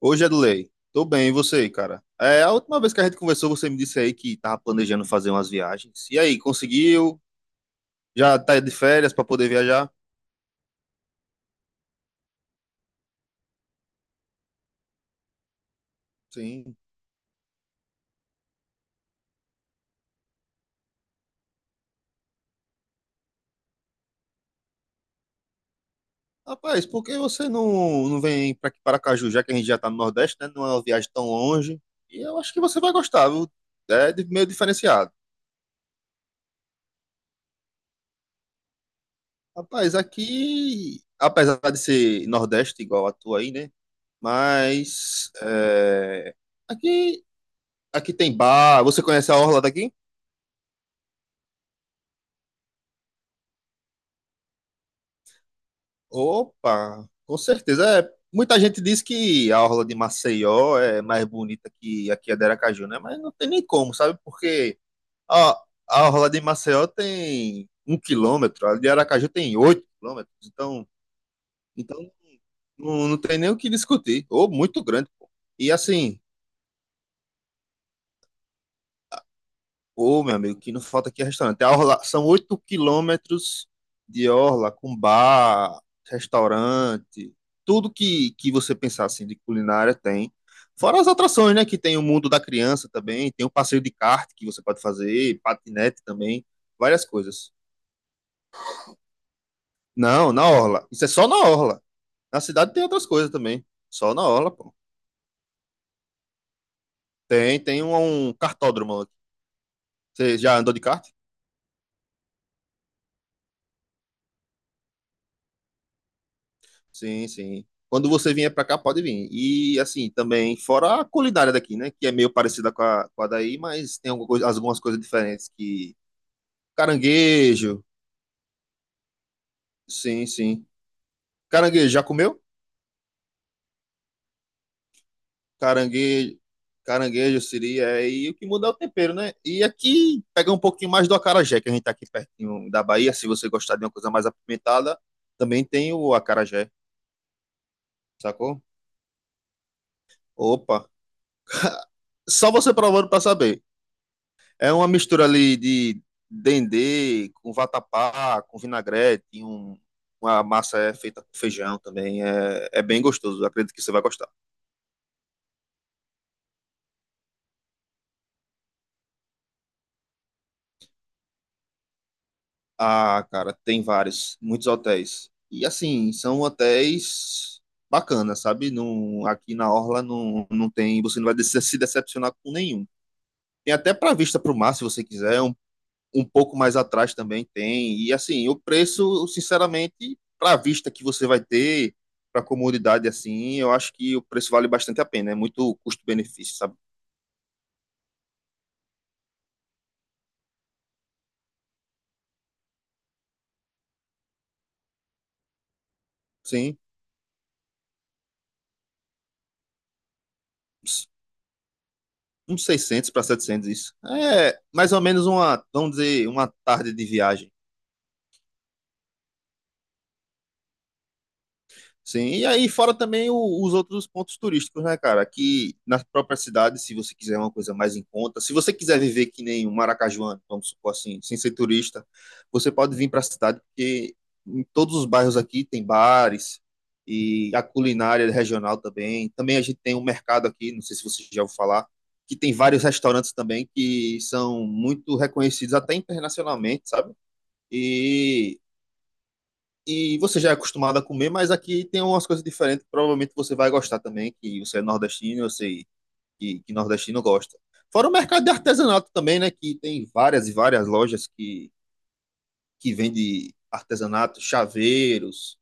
Hoje é do Lei. Tô bem, e você, cara? É, a última vez que a gente conversou, você me disse aí que tava planejando fazer umas viagens. E aí, conseguiu? Já tá de férias para poder viajar? Sim. Rapaz, por que você não vem para aqui para Caju, já que a gente já tá no Nordeste, né? Não é uma viagem tão longe. E eu acho que você vai gostar, viu? Meio diferenciado. Rapaz, aqui, apesar de ser Nordeste igual a tua aí, né? Mas é, aqui, aqui tem bar. Você conhece a orla daqui? Opa, com certeza. É, muita gente diz que a orla de Maceió é mais bonita que aqui a de Aracaju, né? Mas não tem nem como, sabe? Porque a, a orla de Maceió tem 1 quilômetro, a de Aracaju tem 8 quilômetros. Então, não tem nem o que discutir. Ou muito grande, pô. E assim, ô, meu amigo, que não falta aqui é restaurante. São 8 quilômetros de orla, com bar, restaurante, tudo que você pensar assim de culinária tem. Fora as atrações, né? Que tem o mundo da criança também, tem o passeio de kart que você pode fazer, patinete também, várias coisas. Não, na orla. Isso é só na orla. Na cidade tem outras coisas também. Só na orla, pô. Tem um kartódromo. Você já andou de kart? Sim, sim. Quando você vier para cá, pode vir. E assim, também, fora a culinária daqui, né? Que é meio parecida com a daí, mas tem algumas coisas diferentes que. Caranguejo. Sim, sim. Caranguejo, já comeu? Caranguejo. Caranguejo, siri, é, e o que muda é o tempero, né? E aqui pega um pouquinho mais do acarajé, que a gente tá aqui pertinho da Bahia. Se você gostar de uma coisa mais apimentada, também tem o acarajé, sacou? Opa! Só você provando pra saber. É uma mistura ali de dendê com vatapá, com vinagrete, e uma massa é feita com feijão também. É bem gostoso, acredito que você vai gostar. Ah, cara, tem vários, muitos hotéis. E assim, são hotéis bacanas, sabe? Não, aqui na Orla não tem, você não vai se decepcionar com nenhum. Tem até para vista para o mar, se você quiser, um pouco mais atrás também tem. E assim, o preço, sinceramente, para a vista que você vai ter, para a comodidade assim, eu acho que o preço vale bastante a pena. É muito custo-benefício, sabe? Sim, uns 600 para 700 isso. É mais ou menos uma, vamos dizer, uma tarde de viagem. Sim, e aí fora também os outros pontos turísticos, né, cara? Aqui na própria cidade, se você quiser uma coisa mais em conta, se você quiser viver que nem um maracajuano, vamos supor assim, sem ser turista, você pode vir para a cidade, porque em todos os bairros aqui tem bares e a culinária regional também. Também a gente tem um mercado aqui, não sei se você já ouviu falar, que tem vários restaurantes também que são muito reconhecidos até internacionalmente, sabe? e e você já é acostumado a comer, mas aqui tem umas coisas diferentes que provavelmente você vai gostar também, que você é nordestino, eu sei que nordestino gosta. Fora o mercado de artesanato também, né? Que tem várias e várias lojas que vendem artesanato, chaveiros,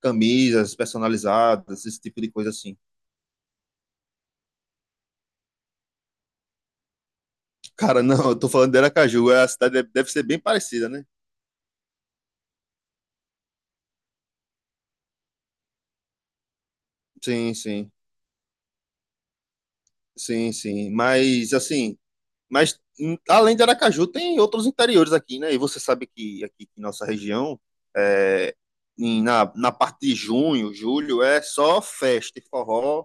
camisas personalizadas, esse tipo de coisa assim. Cara, não, eu tô falando de Aracaju, é a cidade deve ser bem parecida, né? Sim, sim, sim, sim. Mas, assim, além de Aracaju, tem outros interiores aqui, né? E você sabe que aqui em nossa região, é, na parte de junho, julho, é só festa e forró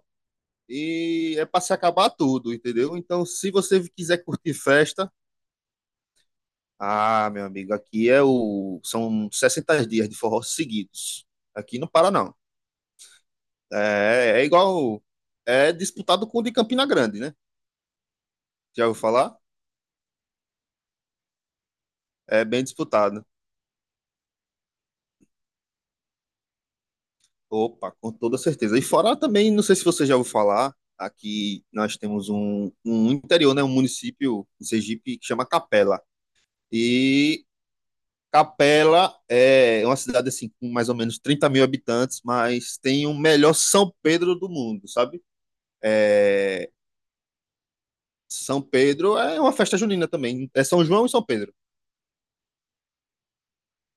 e é para se acabar tudo, entendeu? Então, se você quiser curtir festa, ah, meu amigo, aqui é o são 60 dias de forró seguidos. Aqui não para, não. É igual. É disputado com o de Campina Grande, né? Já ouviu falar? É bem disputado. Opa, com toda certeza. E fora também, não sei se você já ouviu falar, aqui nós temos um interior, né, um município em Sergipe que chama Capela. E Capela é uma cidade assim com mais ou menos 30.000 habitantes, mas tem o melhor São Pedro do mundo, sabe? É, São Pedro é uma festa junina também. É São João e São Pedro.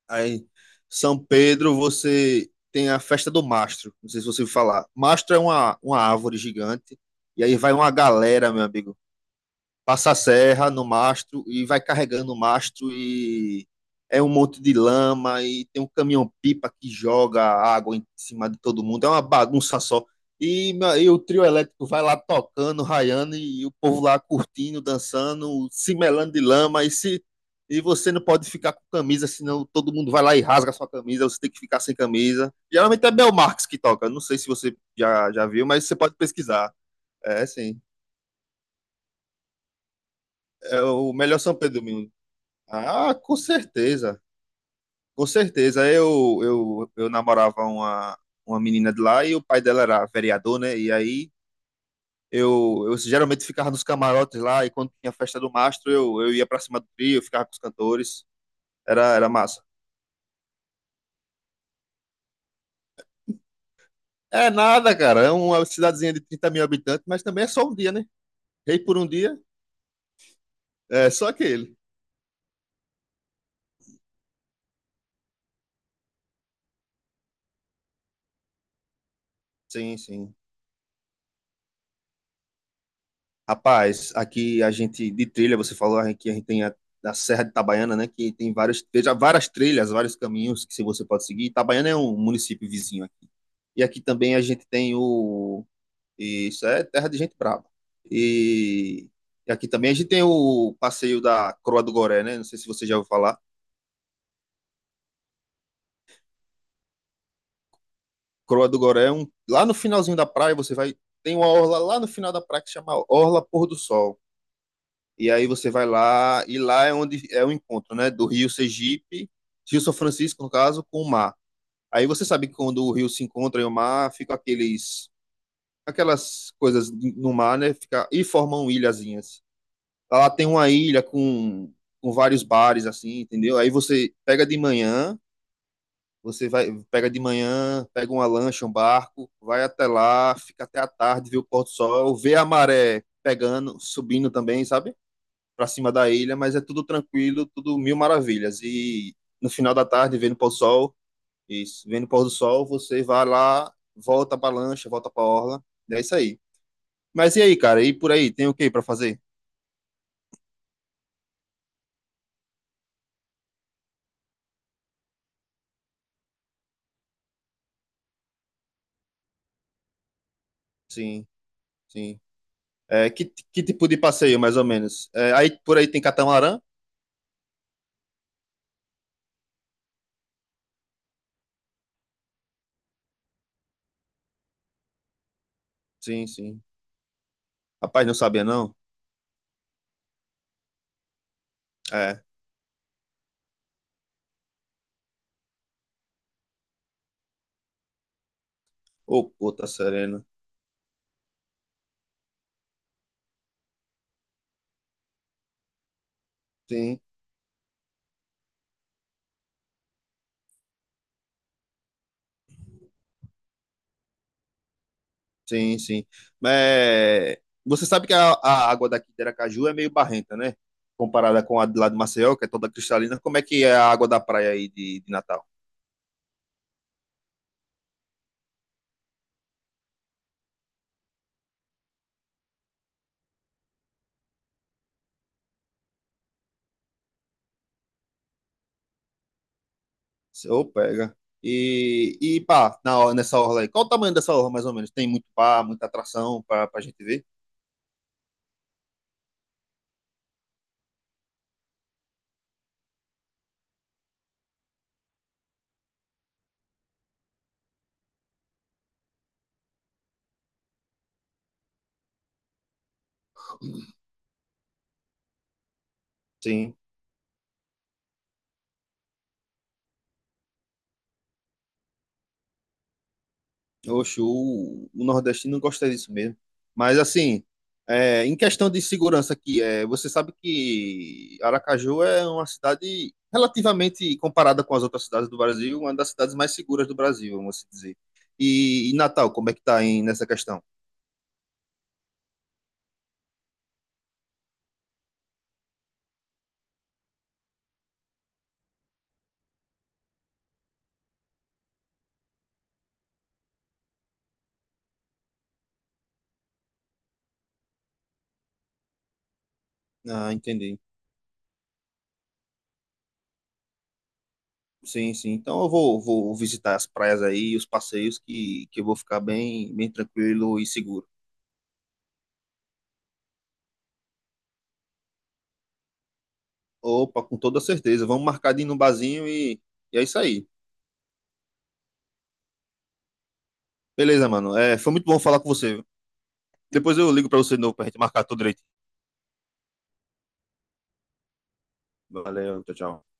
Aí, São Pedro, você tem a festa do mastro. Não sei se você ouviu falar. Mastro é uma árvore gigante. E aí vai uma galera, meu amigo passa a serra no mastro e vai carregando o mastro e é um monte de lama e tem um caminhão-pipa que joga água em cima de todo mundo. É uma bagunça só. E, e o trio elétrico vai lá tocando, raiando e o povo lá curtindo, dançando, se melando de lama e se você não pode ficar com camisa, senão todo mundo vai lá e rasga a sua camisa, você tem que ficar sem camisa. Geralmente é Belmarx que toca, não sei se você já viu, mas você pode pesquisar. É, sim. É o melhor São Pedro do. Ah, com certeza, com certeza. Eu namorava uma menina de lá e o pai dela era vereador, né? E aí eu geralmente ficava nos camarotes lá e quando tinha festa do mastro eu ia pra cima do trio, eu ficava com os cantores. Era massa. É nada, cara. É uma cidadezinha de 30.000 habitantes, mas também é só um dia, né? Rei por um dia, é só aquele. Sim, sim. Rapaz, aqui a gente de trilha, você falou que a gente tem a Serra de Itabaiana, né? Que tem vários, veja, várias trilhas, vários caminhos que se você pode seguir. Itabaiana é um município vizinho aqui. E aqui também a gente tem o. Isso é terra de gente brava. E, e aqui também a gente tem o passeio da Croa do Goré, né? Não sei se você já ouviu falar. Croa do Goré é um. Lá no finalzinho da praia, você vai. Tem uma orla lá no final da praia que chama Orla Pôr do Sol. E aí você vai lá, e lá é onde é o encontro, né? Do Rio Sergipe, Rio São Francisco, no caso, com o mar. Aí você sabe que quando o rio se encontra e o mar, fica aqueles, aquelas coisas no mar, né? Fica, e formam ilhazinhas. Tá, lá tem uma ilha com vários bares, assim, entendeu? Aí você pega de manhã, você vai, pega de manhã, pega uma lancha, um barco, vai até lá, fica até a tarde, vê o pôr do sol, vê a maré pegando, subindo também, sabe? Para cima da ilha, mas é tudo tranquilo, tudo mil maravilhas. E no final da tarde, vendo o pôr do sol, isso, vendo o pôr do sol, você vai lá, volta para lancha, volta para orla, é isso aí. Mas e aí, cara? E por aí, tem o que para fazer? Sim, sim. É, que, que tipo de passeio, mais ou menos? Aí por aí tem catamarã? Sim, sim. Rapaz, não sabia, não? É. Ô, puta serena. Sim. Sim, sim. É, Você sabe que a água daqui de Aracaju é meio barrenta, né? Comparada com a de lá de Maceió, que é toda cristalina. Como é que é a água da praia aí de Natal? Ô, pega. E pá, nessa orla aí. Qual o tamanho dessa orla, mais ou menos? Tem muito pá, muita atração pra gente ver? Sim. Oxe, o nordestino gosta disso mesmo. Mas assim, em questão de segurança aqui, você sabe que Aracaju é uma cidade relativamente comparada com as outras cidades do Brasil, uma das cidades mais seguras do Brasil, vamos assim dizer. E Natal, como é que tá aí nessa questão? Ah, entendi. Sim, sim. Então eu vou visitar as praias aí, os passeios, que eu vou ficar bem, bem tranquilo e seguro. Opa, com toda certeza. Vamos marcar de ir num barzinho e é isso aí. Beleza, mano. É, foi muito bom falar com você. Depois eu ligo pra você de novo pra gente marcar tudo direito. Valeu, tchau, tchau.